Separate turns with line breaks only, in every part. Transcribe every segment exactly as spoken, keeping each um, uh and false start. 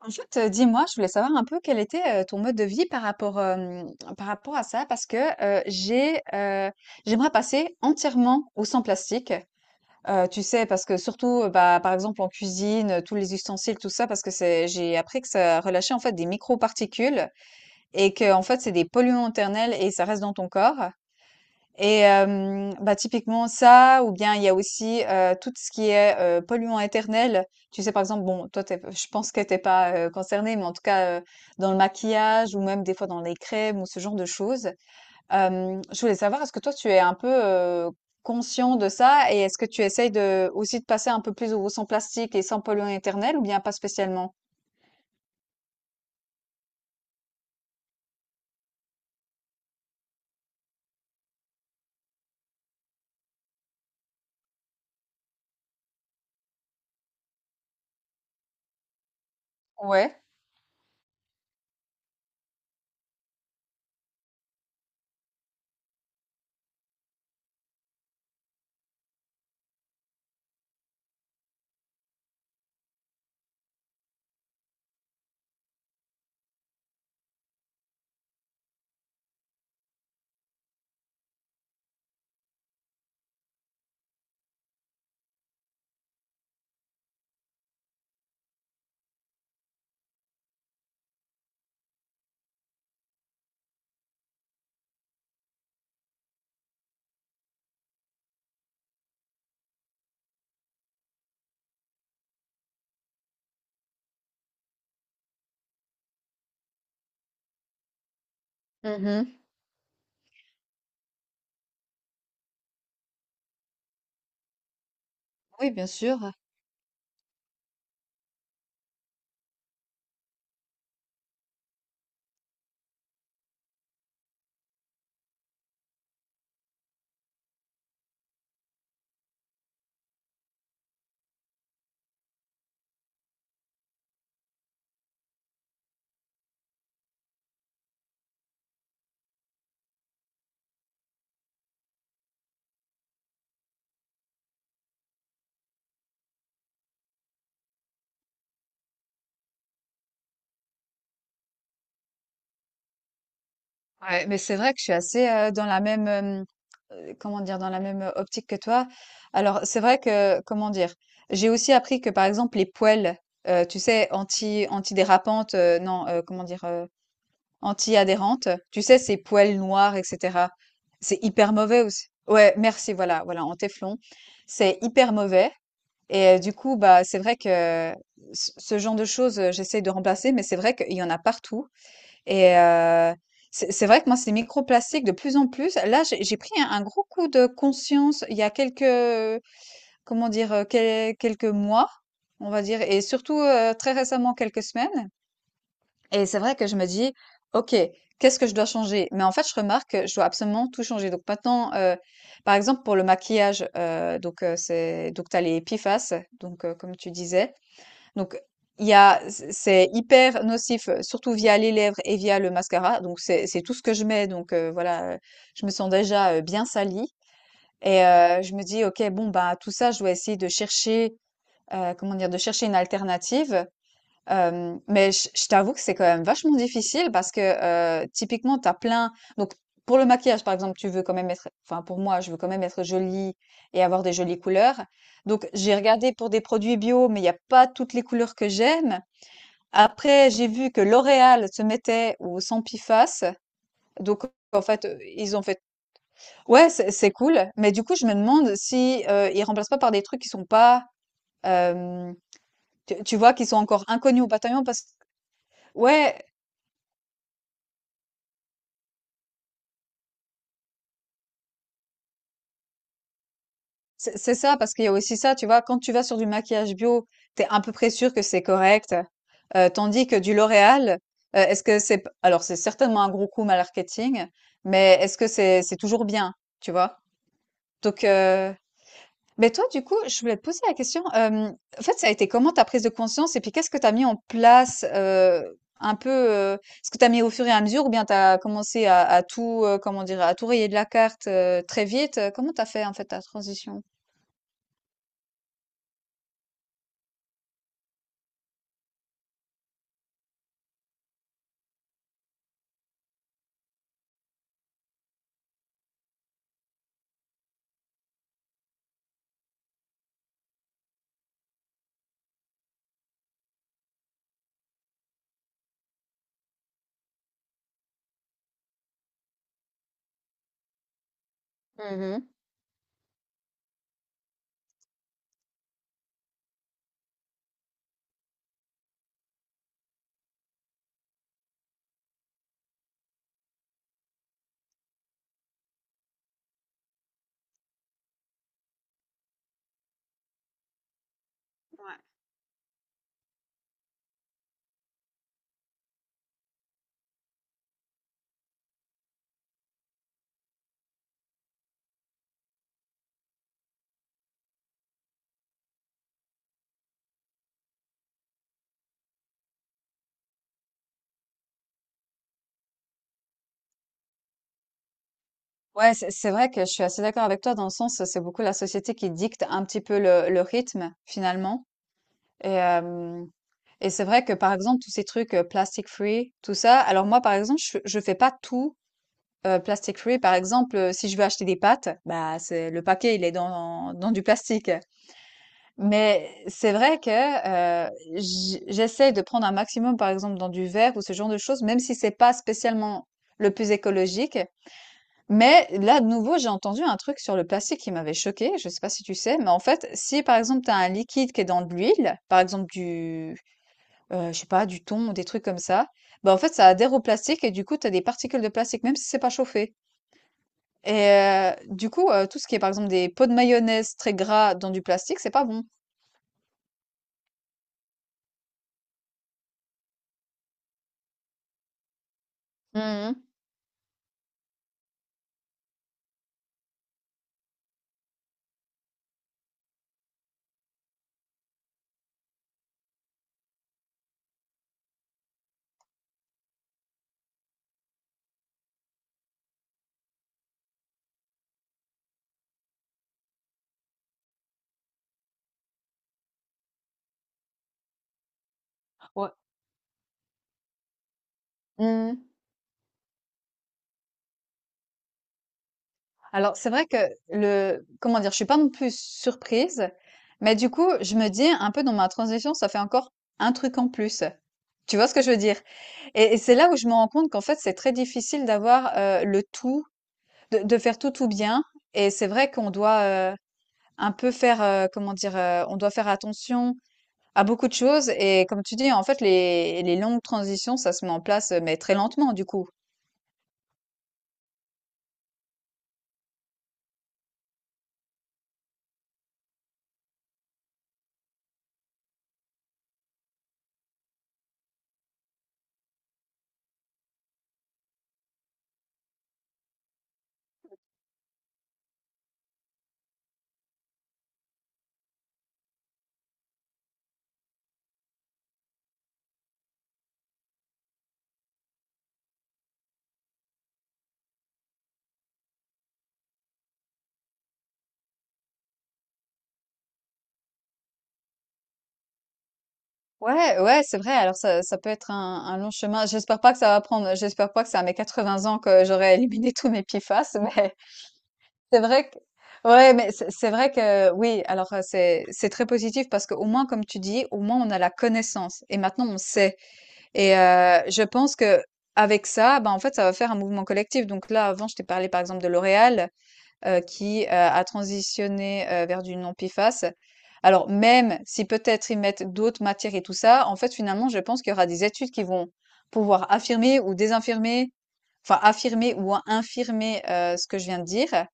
En fait, heu, dis-moi, je voulais savoir un peu quel était, heu, ton mode de vie par rapport, hem, par rapport à ça parce que, heu, j'ai, heu, j'aimerais passer entièrement au sans plastique. Heu, tu sais? Parce que surtout, heu, bah, par exemple en cuisine, heu, tous les ustensiles, tout ça, parce que c'est j'ai appris que ça relâchait en fait des microparticules et que en fait, c'est des polluants éternels et ça reste dans ton corps. Et hem, bah, typiquement ça, ou bien il y a aussi, heu, tout ce qui est, heu, polluant éternel. Tu sais, par exemple, bon, toi, tu je pense que tu pas, heu, concernée, mais en tout cas, heu, dans le maquillage ou même des fois dans les crèmes ou ce genre de choses. Hem, je voulais savoir, est-ce que toi, tu es un peu, heu, conscient de ça, et est-ce que tu essayes de aussi de passer un peu plus au sans plastique et sans polluant éternel, ou bien pas spécialement? Ouais. Mmh. Oui, bien sûr. Ouais, mais c'est vrai que je suis assez, euh, dans la même, euh, euh, comment dire, dans la même euh, optique que toi. Alors, c'est vrai que, comment dire, j'ai aussi appris que, par exemple, les poêles, euh, tu sais, anti, antidérapantes, euh, non, euh, comment dire, euh, anti-adhérentes, tu sais, ces poêles noires, et cetera. C'est hyper mauvais aussi. Ouais, merci, voilà, voilà, en téflon. C'est hyper mauvais. Et euh, du coup, bah, c'est vrai que ce ce genre de choses, euh, j'essaye de remplacer, mais c'est vrai qu'il y en a partout. Et heu, c'est c'est vrai que moi, ces microplastiques de plus en plus là, j'ai j'ai pris un un gros coup de conscience il y a quelques, comment dire? Heu, quel quelques mois, on va dire, et surtout, heu, très récemment, quelques semaines. Et c'est vrai que je me dis: «OK, qu'est-ce que je dois changer?» Mais en fait, je remarque que je dois absolument tout changer. Donc maintenant, heu, par exemple, pour le maquillage, heu, donc heu, c'est, donc tu as les Epiphases, donc heu, comme tu disais, donc il y a c'est hyper nocif, euh, surtout via les lèvres et via le mascara. Donc, c'est c'est tout ce que je mets. Donc, heu, voilà, heu, je me sens déjà, heu, bien salie, et heu, je me dis: «OK, bon, bah, tout ça, je dois essayer de chercher, heu, comment dire? De chercher une alternative». Hem, mais je je t'avoue que c'est quand même vachement difficile parce que, heu, typiquement, t'as plein, donc pour le maquillage, par exemple, tu veux quand même être enfin, pour moi, je veux quand même être jolie et avoir des jolies couleurs. Donc, j'ai regardé pour des produits bio, mais il y a pas toutes les couleurs que j'aime. Après, j'ai vu que L'Oréal se mettait au Sampiface. Donc, en fait, heu, ils ont fait, ouais, c'est c'est cool, mais du coup, je me demande si, heu, ils remplacent pas par des trucs qui sont pas, hem, tu tu vois, qui sont encore inconnus au bataillon parce que, ouais, c'est c'est ça, parce qu'il y a aussi ça, tu vois? Quand tu vas sur du maquillage bio, t'es es à peu près sûr que c'est correct, heu, tandis que du L'Oréal, heu, est-ce que c'est p alors c'est certainement un gros coup marketing, mais est-ce que c'est c'est toujours bien, tu vois? Donc, heu Mais toi, du coup, je voulais te poser la question. Euh, en fait, ça a été comment ta prise de conscience, et puis qu'est-ce que tu as mis en place, euh, un peu, euh, ce que tu as mis au fur et à mesure, ou bien tu as commencé à, à tout, euh, comment dire, à tout rayer de la carte, euh, très vite. euh, Comment tu as fait en fait ta transition? Mhm. Ouais, c'est c'est vrai que je suis assez d'accord avec toi dans le sens, c'est beaucoup la société qui dicte un petit peu le, le rythme finalement. Et, hem et c'est vrai que, par exemple, tous ces trucs, heu, plastic free, tout ça. Alors moi, par exemple, je je fais pas tout, heu, plastic free. Par exemple, heu, si je veux acheter des pâtes, bah, c'est le paquet, il est dans dans du plastique. Mais c'est vrai que, heu, j j'essaie de prendre un maximum, par exemple, dans du verre ou ce genre de choses, même si c'est pas spécialement le plus écologique. Mais là, de nouveau, j'ai entendu un truc sur le plastique qui m'avait choquée, je sais pas si tu sais, mais en fait, si, par exemple, tu as un liquide qui est dans de l'huile, par exemple du Heu, je sais pas, du thon ou des trucs comme ça. Bah, en fait, ça adhère au plastique et du coup, tu as des particules de plastique, même si c'est pas chauffé. Et heu, du coup, heu, tout ce qui est, par exemple, des pots de mayonnaise très gras dans du plastique, c'est pas bon. Mmh mh. Ouais. Mmh. Alors, c'est vrai que le comment dire? Je suis pas non plus surprise, mais du coup, je me dis un peu dans ma transition, ça fait encore un truc en plus. Tu vois ce que je veux dire? Et et c'est là où je me rends compte qu'en fait, c'est très difficile d'avoir, heu, le tout, de de faire tout, tout bien, et c'est vrai qu'on doit, euh, un peu faire, heu, comment dire? Heu, on doit faire attention à beaucoup de choses, et comme tu dis, en fait, les les longues transitions, ça se met en place, heu, mais très lentement, du coup. Ouais, ouais, c'est vrai. Alors ça ça peut être un un long chemin. J'espère pas que ça va prendre j'espère pas que c'est à mes quatre-vingts ans que j'aurai éliminé tous mes P F A S, mais c'est vrai que, ouais, mais c'est c'est vrai que, oui, alors euh, c'est c'est très positif parce qu'au moins, comme tu dis, au moins on a la connaissance et maintenant on sait. Et euh, je pense que avec ça, ben en fait, ça va faire un mouvement collectif. Donc là, avant, je t'ai parlé par exemple de L'Oréal, euh, qui euh, a transitionné euh, vers du non-P F A S. Alors même si peut-être ils mettent d'autres matières et tout ça, en fait, finalement, je pense qu'il y aura des études qui vont pouvoir affirmer ou désinfirmer, enfin affirmer ou infirmer euh, ce que je viens de dire.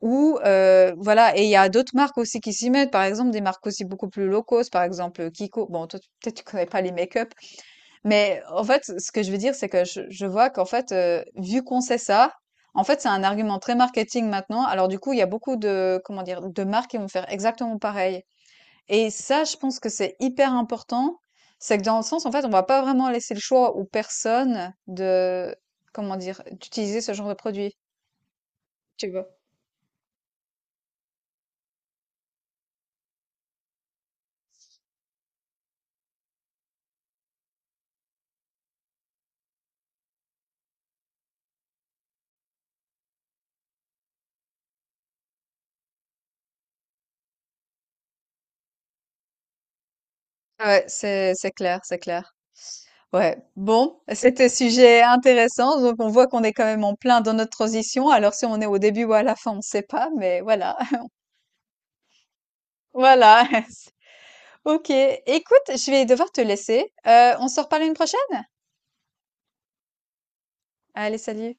Ou heu, voilà, et il y a d'autres marques aussi qui s'y mettent, par exemple des marques aussi beaucoup plus low cost, par exemple, euh, Kiko. Bon toi, tu peut-être tu connais pas les make-up, mais en fait, ce que je veux dire, c'est que je je vois qu'en fait, heu, vu qu'on sait ça, en fait, c'est un argument très marketing maintenant. Alors du coup, il y a beaucoup de, comment dire, de marques qui vont faire exactement pareil, et ça, je pense que c'est hyper important. C'est que dans le sens, en fait, on va pas vraiment laisser le choix aux personnes de, comment dire, d'utiliser ce genre de produit, tu vois? Ouais, c'est c'est clair, c'est clair. Ouais, bon, c'était un sujet intéressant. Donc, on voit qu'on est quand même en plein dans notre transition. Alors, si on est au début ou à la fin, on ne sait pas, mais voilà. Voilà. Ok, écoute, je vais devoir te laisser. Euh, on se reparle une prochaine? Allez, salut.